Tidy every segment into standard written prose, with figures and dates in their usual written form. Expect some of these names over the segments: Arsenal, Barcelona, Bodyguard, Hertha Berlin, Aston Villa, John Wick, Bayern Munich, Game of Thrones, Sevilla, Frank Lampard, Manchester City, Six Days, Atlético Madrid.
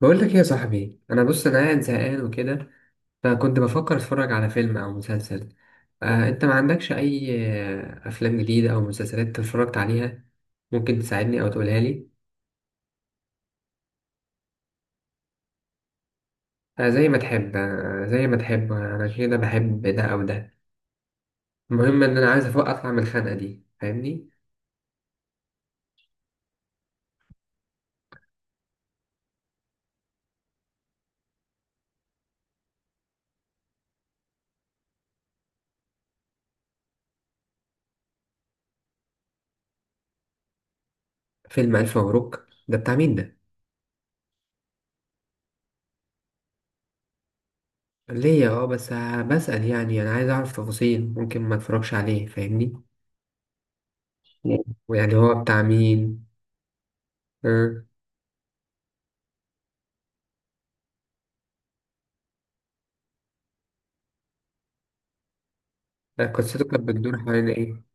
بقول لك ايه يا صاحبي، انا بص انا قاعد زهقان وكده. فكنت بفكر اتفرج على فيلم او مسلسل. انت ما عندكش اي افلام جديده او مسلسلات أنت اتفرجت عليها؟ ممكن تساعدني او تقولها لي؟ زي ما تحب، زي ما تحب، انا كده بحب ده او ده. المهم ان انا عايز اطلع من الخنقه دي، فاهمني. فيلم الف مبروك ده بتاع مين ده؟ ليا اه، بس بسأل يعني، انا عايز اعرف تفاصيل، ممكن ما اتفرجش عليه، فاهمني. ويعني هو بتاع مين؟ آه. لا، قصته كانت بتدور حوالين ايه؟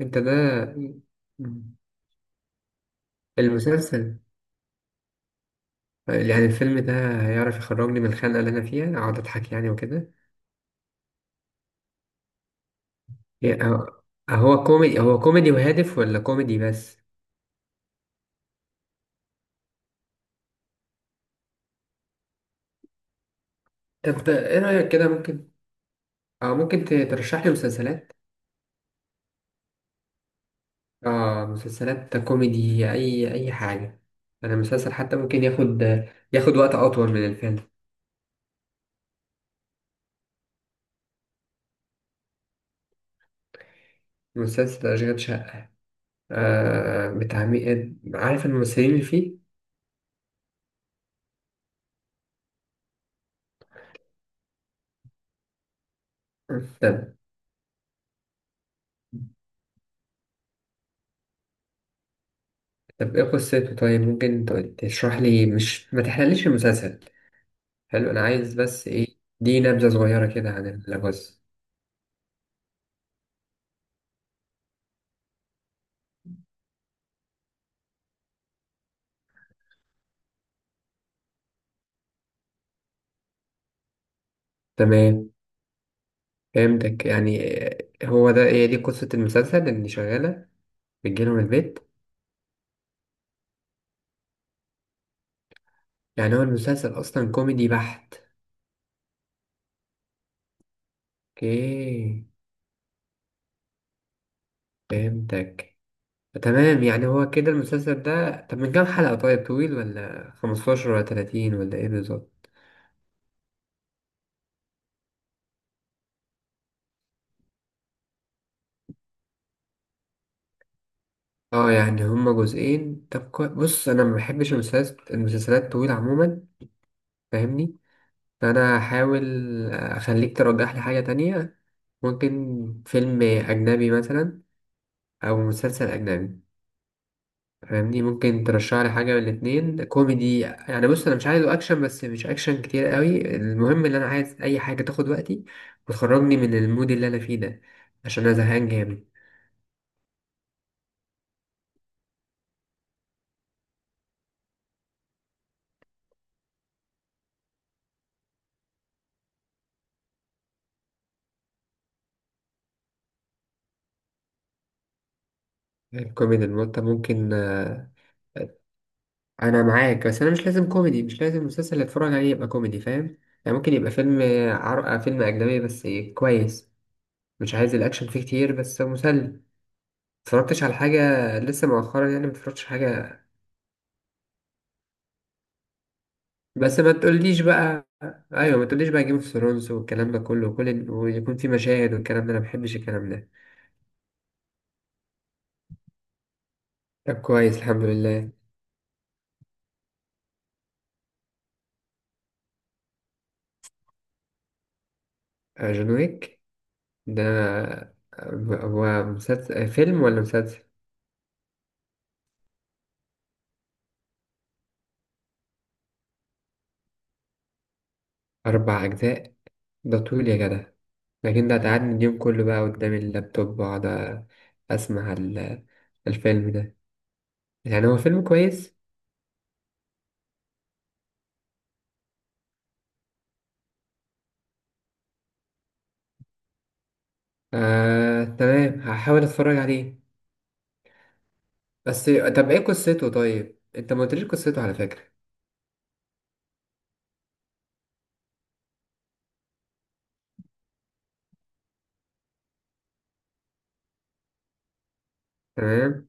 انت ده المسلسل، يعني الفيلم ده هيعرف يخرجني من الخنقة اللي انا فيها، اقعد اضحك يعني وكده؟ يعني هو، هو كوميدي، هو كوميدي وهادف ولا كوميدي بس؟ طب ايه رأيك كده، ممكن؟ اه ممكن ترشح لي مسلسلات؟ اه مسلسلات كوميدي، اي اي حاجة، انا المسلسل حتى ممكن ياخد، ياخد وقت اطول من الفيلم. مسلسل اشغال شقة، آه بتاع مين؟ عارف الممثلين اللي فيه؟ طب طب ايه قصته؟ طيب ممكن تشرح لي، مش ما تحرقليش المسلسل. حلو، انا عايز بس ايه، دي نبذة صغيرة كده عن الجزء. تمام، فهمتك يعني. هو ده، هي دي قصة المسلسل، اللي شغالة بتجيلهم البيت؟ يعني هو المسلسل اصلا كوميدي بحت؟ اوكي، فهمتك. تمام، يعني هو كده المسلسل ده؟ طب من كام حلقة؟ طيب طويل ولا 15 ولا 30 ولا ايه بالظبط؟ اه يعني هما جزئين. طب بص انا ما بحبش المسلسلات، الطويله عموما، فاهمني. فانا هحاول اخليك ترجح لي حاجة تانية. ممكن فيلم اجنبي مثلا او مسلسل اجنبي، فاهمني؟ ممكن ترشح لي حاجة من الاتنين كوميدي؟ يعني بص انا مش عايزه اكشن، بس مش اكشن كتير قوي. المهم ان انا عايز اي حاجة تاخد وقتي وتخرجني من المود اللي انا فيه ده، عشان انا زهقان جامد. الكوميدي انت ممكن. انا معاك، بس انا مش لازم كوميدي، مش لازم المسلسل اللي اتفرج عليه يبقى كوميدي، فاهم؟ يعني ممكن يبقى فيلم، عرق فيلم اجنبي بس كويس، مش عايز الاكشن فيه كتير بس مسلي. متفرجتش على حاجة لسه مؤخرا؟ يعني متفرجتش حاجة؟ بس ما تقوليش بقى، ايوه ما تقوليش بقى جيم اوف ثرونز والكلام ده كله، وكل ويكون في مشاهد والكلام ده، انا ما بحبش الكلام ده. طب كويس، الحمد لله. جون ويك ده، هو مسلسل فيلم ولا مسلسل؟ 4 اجزاء؟ ده طويل يا جدع. لكن ده هتقعدني اليوم كله بقى قدام اللابتوب واقعد اسمع الفيلم ده. يعني هو فيلم كويس؟ تمام، هحاول اتفرج عليه. بس طب ايه قصته؟ طيب انت ما قلتليش قصته على فكرة. تمام،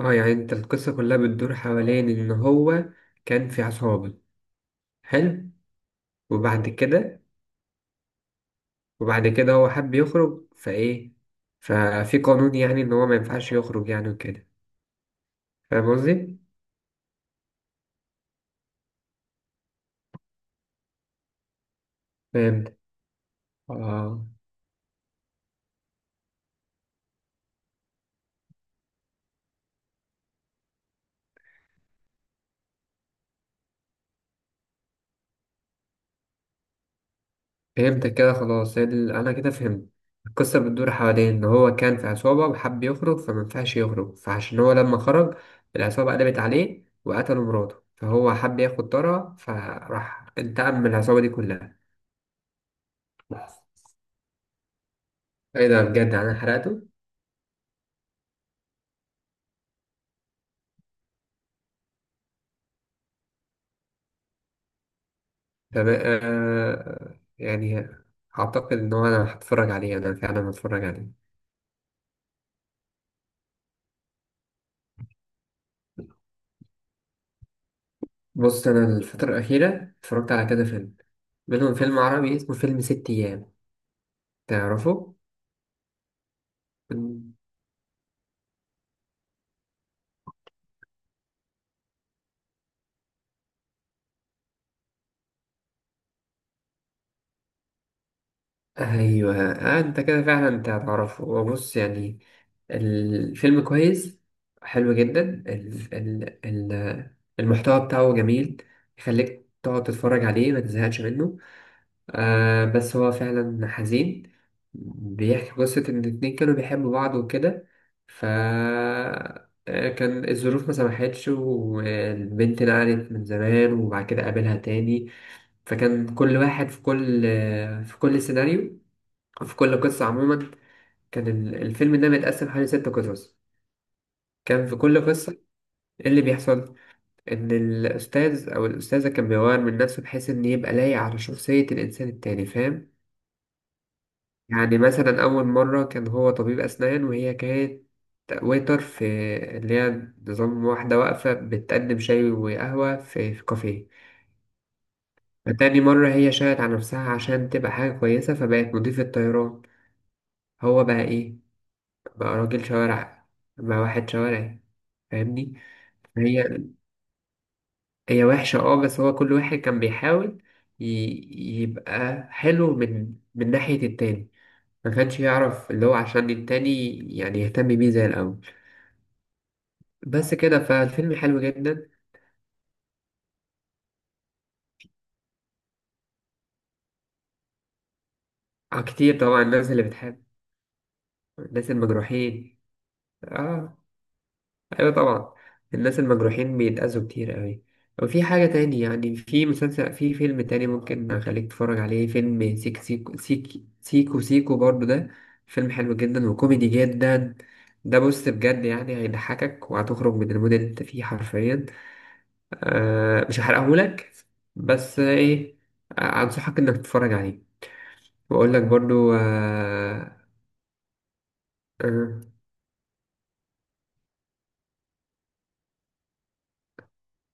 اه يعني انت القصة كلها بتدور حوالين ان هو كان في عصابة. حلو. وبعد كده، وبعد كده هو حب يخرج فايه، ففي قانون يعني ان هو ما ينفعش يخرج يعني وكده. فاهم قصدي؟ فهمت. اه، فهمتك كده خلاص. هي انا كده فهمت، القصه بتدور حوالين ان هو كان في عصابه وحب يخرج، فما ينفعش يخرج، فعشان هو لما خرج، العصابه قلبت عليه وقتلوا مراته، فهو حب ياخد طارها فراح انتقم من العصابه دي كلها. ايه ده، بجد انا حرقته! طب آه يعني، اعتقد ان هو، انا هتفرج عليه، انا فعلا هتفرج عليه. بص انا الفتره الاخيره اتفرجت على كذا فيلم، منهم فيلم عربي اسمه فيلم ست ايام، تعرفه؟ ايوه، آه انت كده فعلا انت هتعرفه. هو بص يعني، الفيلم كويس، حلو جدا. ال ال ال المحتوى بتاعه جميل، يخليك تقعد تتفرج عليه ما تزهقش منه. آه بس هو فعلا حزين، بيحكي قصة إن الاتنين كانوا بيحبوا بعض وكده، ف كان الظروف ما سمحتش، والبنت نقلت من زمان، وبعد كده قابلها تاني. فكان كل واحد في كل، في كل سيناريو، في كل قصة عموما، كان الفيلم ده متقسم حوالي 6 قصص. كان في كل قصة إيه اللي بيحصل، إن الأستاذ أو الأستاذة كان بيغير من نفسه بحيث إن يبقى لايق على شخصية الإنسان التاني، فاهم؟ يعني مثلا أول مرة كان هو طبيب أسنان، وهي كانت ويتر في، اللي هي نظام واحدة واقفة بتقدم شاي وقهوة في في كافيه. فتاني مرة هي شاهدت على نفسها عشان تبقى حاجة كويسة فبقت مضيفة طيران. هو بقى إيه، بقى راجل شوارع، بقى واحد شوارعي، فاهمني. هي هي وحشة اه، بس هو كل واحد كان بيحاول ي- يبقى حلو من، من ناحية التاني، ما كانش يعرف اللي هو عشان التاني يعني يهتم بيه زي الأول. بس كده، فالفيلم حلو جدا. اه كتير طبعا الناس اللي بتحب، الناس المجروحين، اه، ايوه طبعا، الناس المجروحين بيتأذوا كتير قوي. وفي حاجة تاني يعني، في مسلسل في فيلم تاني ممكن اخليك تتفرج عليه، فيلم سيك سيكو سيك سيكو سيكو برضو ده، فيلم حلو جدا وكوميدي جدا. ده بص بجد يعني هيضحكك وهتخرج من المود اللي انت فيه حرفيا. آه مش هحرقهولك، بس ايه، انصحك انك تتفرج عليه. واقول لك برضو آه، آه،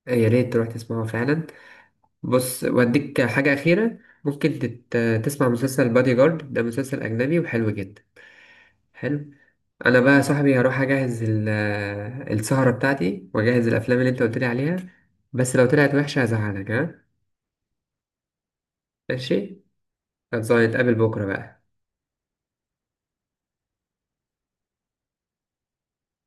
يا ريت تروح تسمعه فعلا. بص وأديك حاجة أخيرة، ممكن تسمع مسلسل بادي جارد، ده مسلسل أجنبي وحلو جدا، حلو. أنا بقى يا صاحبي هروح أجهز السهرة بتاعتي، وأجهز الأفلام اللي أنت قلت لي عليها. بس لو طلعت وحشة هزعلك، ها؟ ماشي؟ هتظبط نتقابل بكرة بقى.